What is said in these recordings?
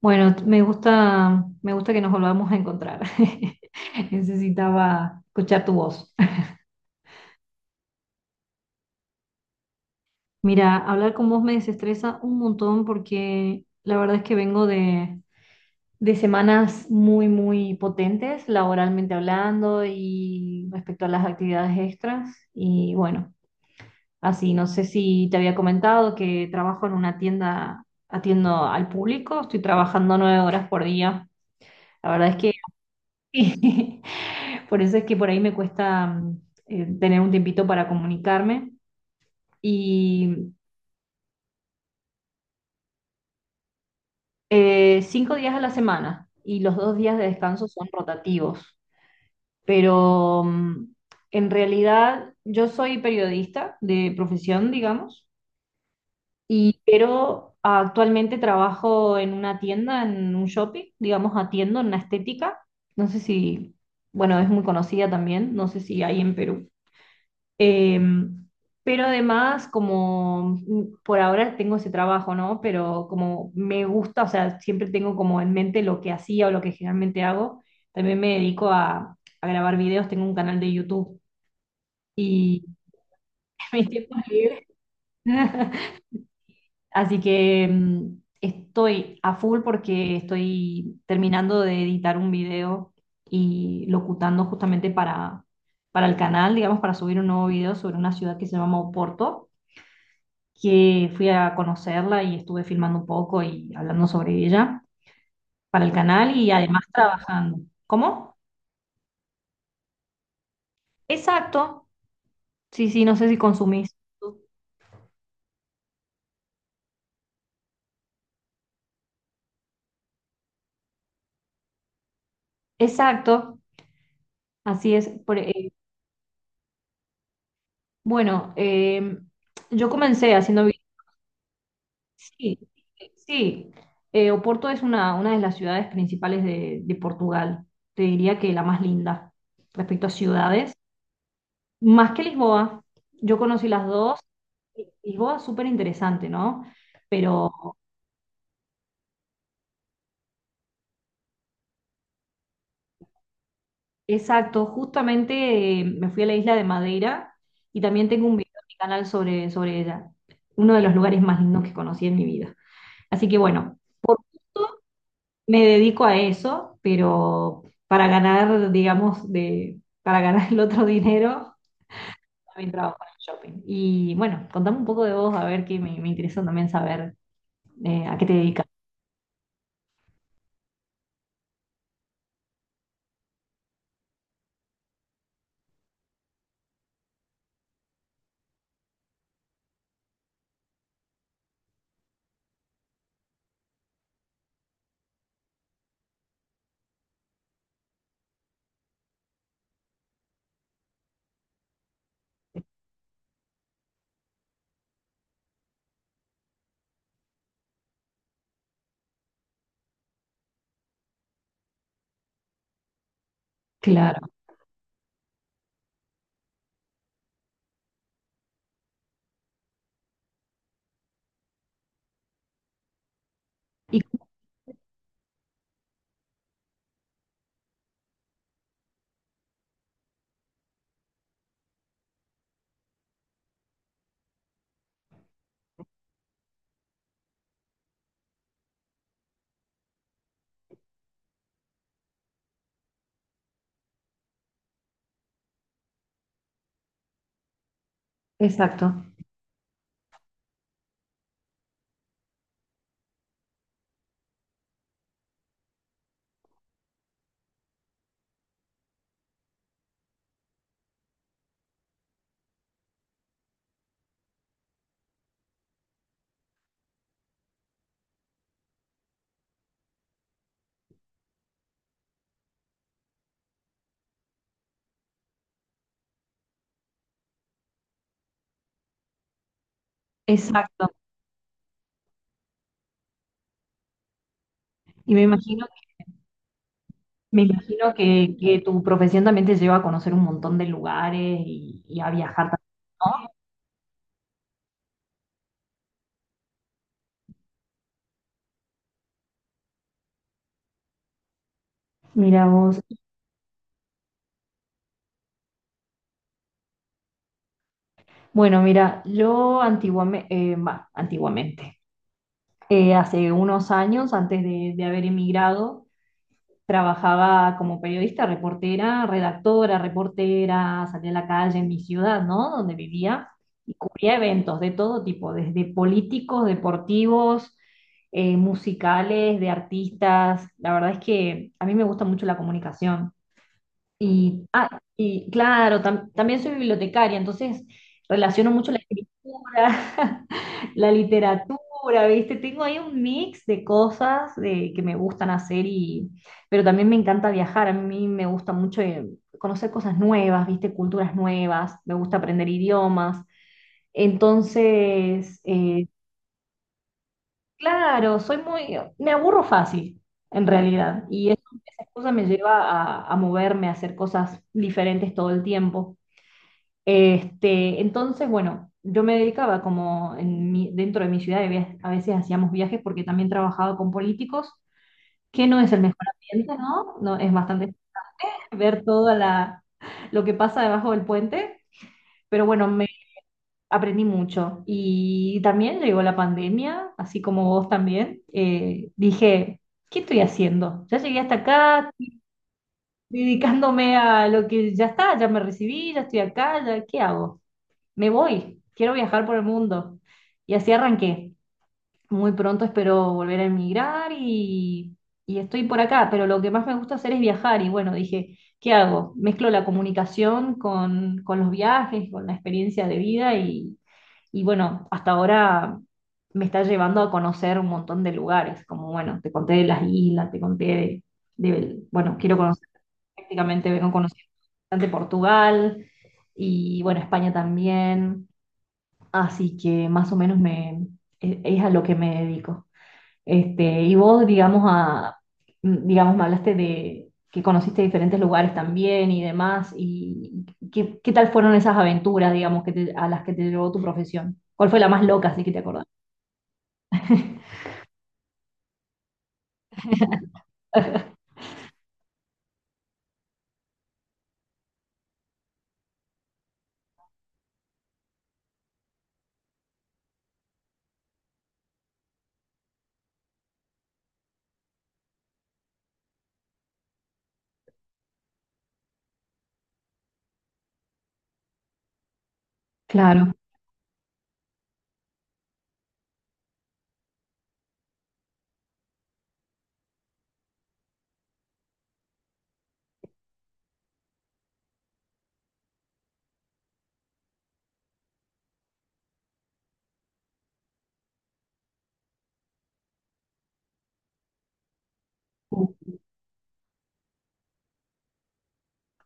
Bueno, me gusta que nos volvamos a encontrar. Necesitaba escuchar tu voz. Mira, hablar con vos me desestresa un montón porque la verdad es que vengo de semanas muy, muy potentes, laboralmente hablando y respecto a las actividades extras. Y bueno, así, no sé si te había comentado que trabajo en una tienda, atiendo al público, estoy trabajando 9 horas por día. La verdad es sí. Por eso es que por ahí me cuesta tener un tiempito para comunicarme. Y 5 días a la semana y los dos días de descanso son rotativos. Pero en realidad yo soy periodista de profesión, digamos, pero actualmente trabajo en una tienda, en un shopping, digamos, atiendo en la estética. No sé si, bueno, es muy conocida también, no sé si hay en Perú. Em, pero además, como por ahora tengo ese trabajo, ¿no? Pero como me gusta, o sea, siempre tengo como en mente lo que hacía o lo que generalmente hago. También me dedico a grabar videos, tengo un canal de YouTube y mis tiempos libres. Así que estoy a full porque estoy terminando de editar un video y locutando justamente para el canal, digamos, para subir un nuevo video sobre una ciudad que se llama Oporto que fui a conocerla y estuve filmando un poco y hablando sobre ella para el canal y además trabajando. ¿Cómo? Exacto. Sí, sí, no sé si consumís. Exacto. Así es. Bueno, eh, yo comencé sí, sí. Oporto es una de las ciudades principales de Portugal. Te diría que la más linda respecto a ciudades. Más que Lisboa, yo conocí las dos. Lisboa es súper interesante, ¿no? Pero exacto, justamente me fui a la isla de Madeira y también tengo un video en mi canal sobre ella, uno de los lugares más lindos que conocí en mi vida. Así que bueno, me dedico a eso, pero para ganar, digamos, para ganar el otro dinero, también trabajo en el shopping. Y bueno, contame un poco de vos, a ver que me interesa también saber a qué te dedicas. Claro. Y, exacto. Exacto. Y me imagino que tu profesión también te lleva a conocer un montón de lugares y a viajar también, ¿no? Mira vos. Bueno, mira, yo antiguamente, antiguamente, hace unos años, antes de haber emigrado, trabajaba como periodista, reportera, redactora, reportera, salía a la calle en mi ciudad, ¿no? Donde vivía y cubría eventos de todo tipo, desde políticos, deportivos, musicales, de artistas. La verdad es que a mí me gusta mucho la comunicación. Y, ah, y claro, también soy bibliotecaria, entonces relaciono mucho la escritura, la literatura, ¿viste? Tengo ahí un mix de cosas de, que me gustan hacer, y, pero también me encanta viajar, a mí me gusta mucho conocer cosas nuevas, ¿viste? Culturas nuevas, me gusta aprender idiomas. Entonces, claro, soy muy, me aburro fácil, en realidad, y eso, esa excusa me lleva a moverme, a hacer cosas diferentes todo el tiempo. Este, entonces, bueno, yo me dedicaba como dentro de mi ciudad, a veces hacíamos viajes porque también trabajaba con políticos, que no es el mejor ambiente, ¿no? No, es bastante ver toda la, lo que pasa debajo del puente, pero bueno, aprendí mucho y también llegó la pandemia, así como vos también. Dije, ¿qué estoy haciendo? Ya llegué hasta acá, estoy dedicándome a lo que ya está, ya me recibí, ya estoy acá, ya- ¿qué hago? Me voy, quiero viajar por el mundo. Y así arranqué. Muy pronto espero volver a emigrar y estoy por acá, pero lo que más me gusta hacer es viajar y bueno, dije, ¿qué hago? Mezclo la comunicación con los viajes, con la experiencia de vida y bueno, hasta ahora me está llevando a conocer un montón de lugares, como bueno, te conté de las islas, te conté de- bueno, quiero conocer prácticamente, vengo conociendo bastante Portugal y bueno, España también, así que más o menos me, es a lo que me dedico. Este, y vos, digamos, a, digamos, me hablaste de que conociste diferentes lugares también y demás, y qué, qué tal fueron esas aventuras, digamos, a las que te llevó tu profesión. ¿Cuál fue la más loca, así que te acordás? Claro.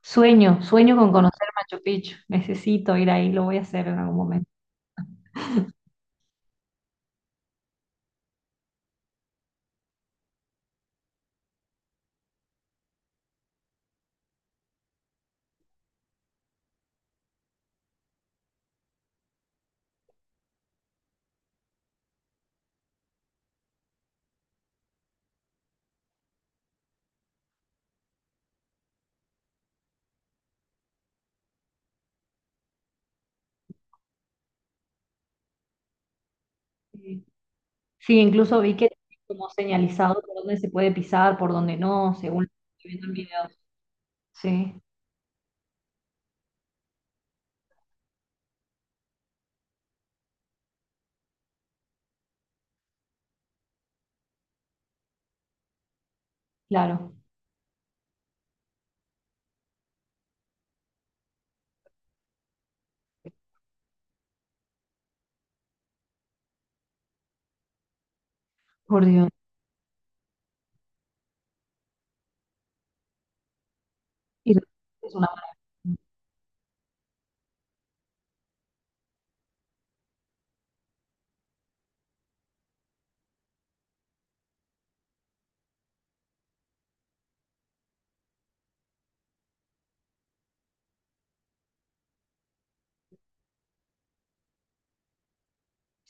Sueño, sueño con conocer Machu Picchu. Necesito ir ahí, lo voy a hacer en algún momento. Sí, sí, incluso vi que tiene como señalizado por dónde se puede pisar, por dónde no, según lo que vi en videos. Sí, claro. Por Dios. Y es una maravilla.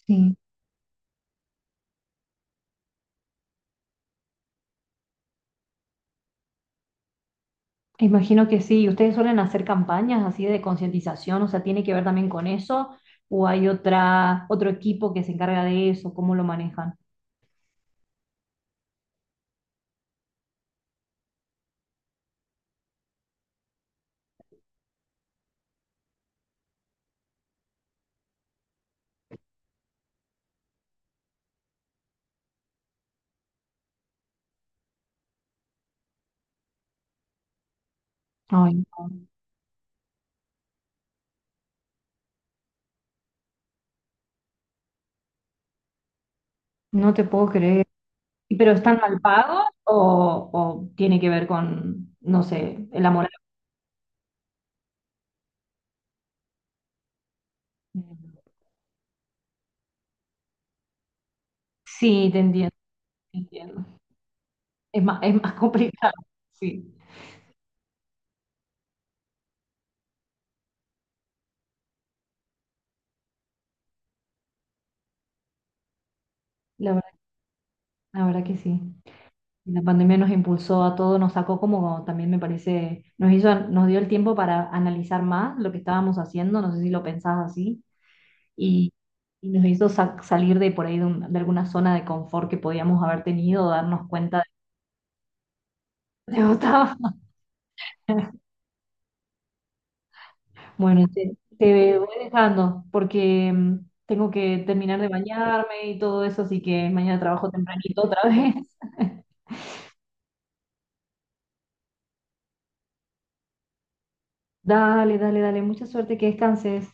Sí, imagino que sí. ¿Ustedes suelen hacer campañas así de concientización? O sea, ¿tiene que ver también con eso? ¿O hay otra, otro equipo que se encarga de eso? ¿Cómo lo manejan? Ay, no, no te puedo creer. ¿Y pero están mal pagos o tiene que ver con, no sé, el amor? A la- sí, te entiendo, te entiendo. Es más complicado. Sí, la verdad, la verdad que sí. La pandemia nos impulsó a todos, nos sacó como también me parece, nos hizo, nos dio el tiempo para analizar más lo que estábamos haciendo, no sé si lo pensás así, y, y nos hizo salir de por ahí de, de alguna zona de confort que podíamos haber tenido, darnos cuenta de que estaba. Bueno, te voy dejando porque tengo que terminar de bañarme y todo eso, así que mañana trabajo tempranito otra vez. Dale, dale, dale, mucha suerte, que descanses.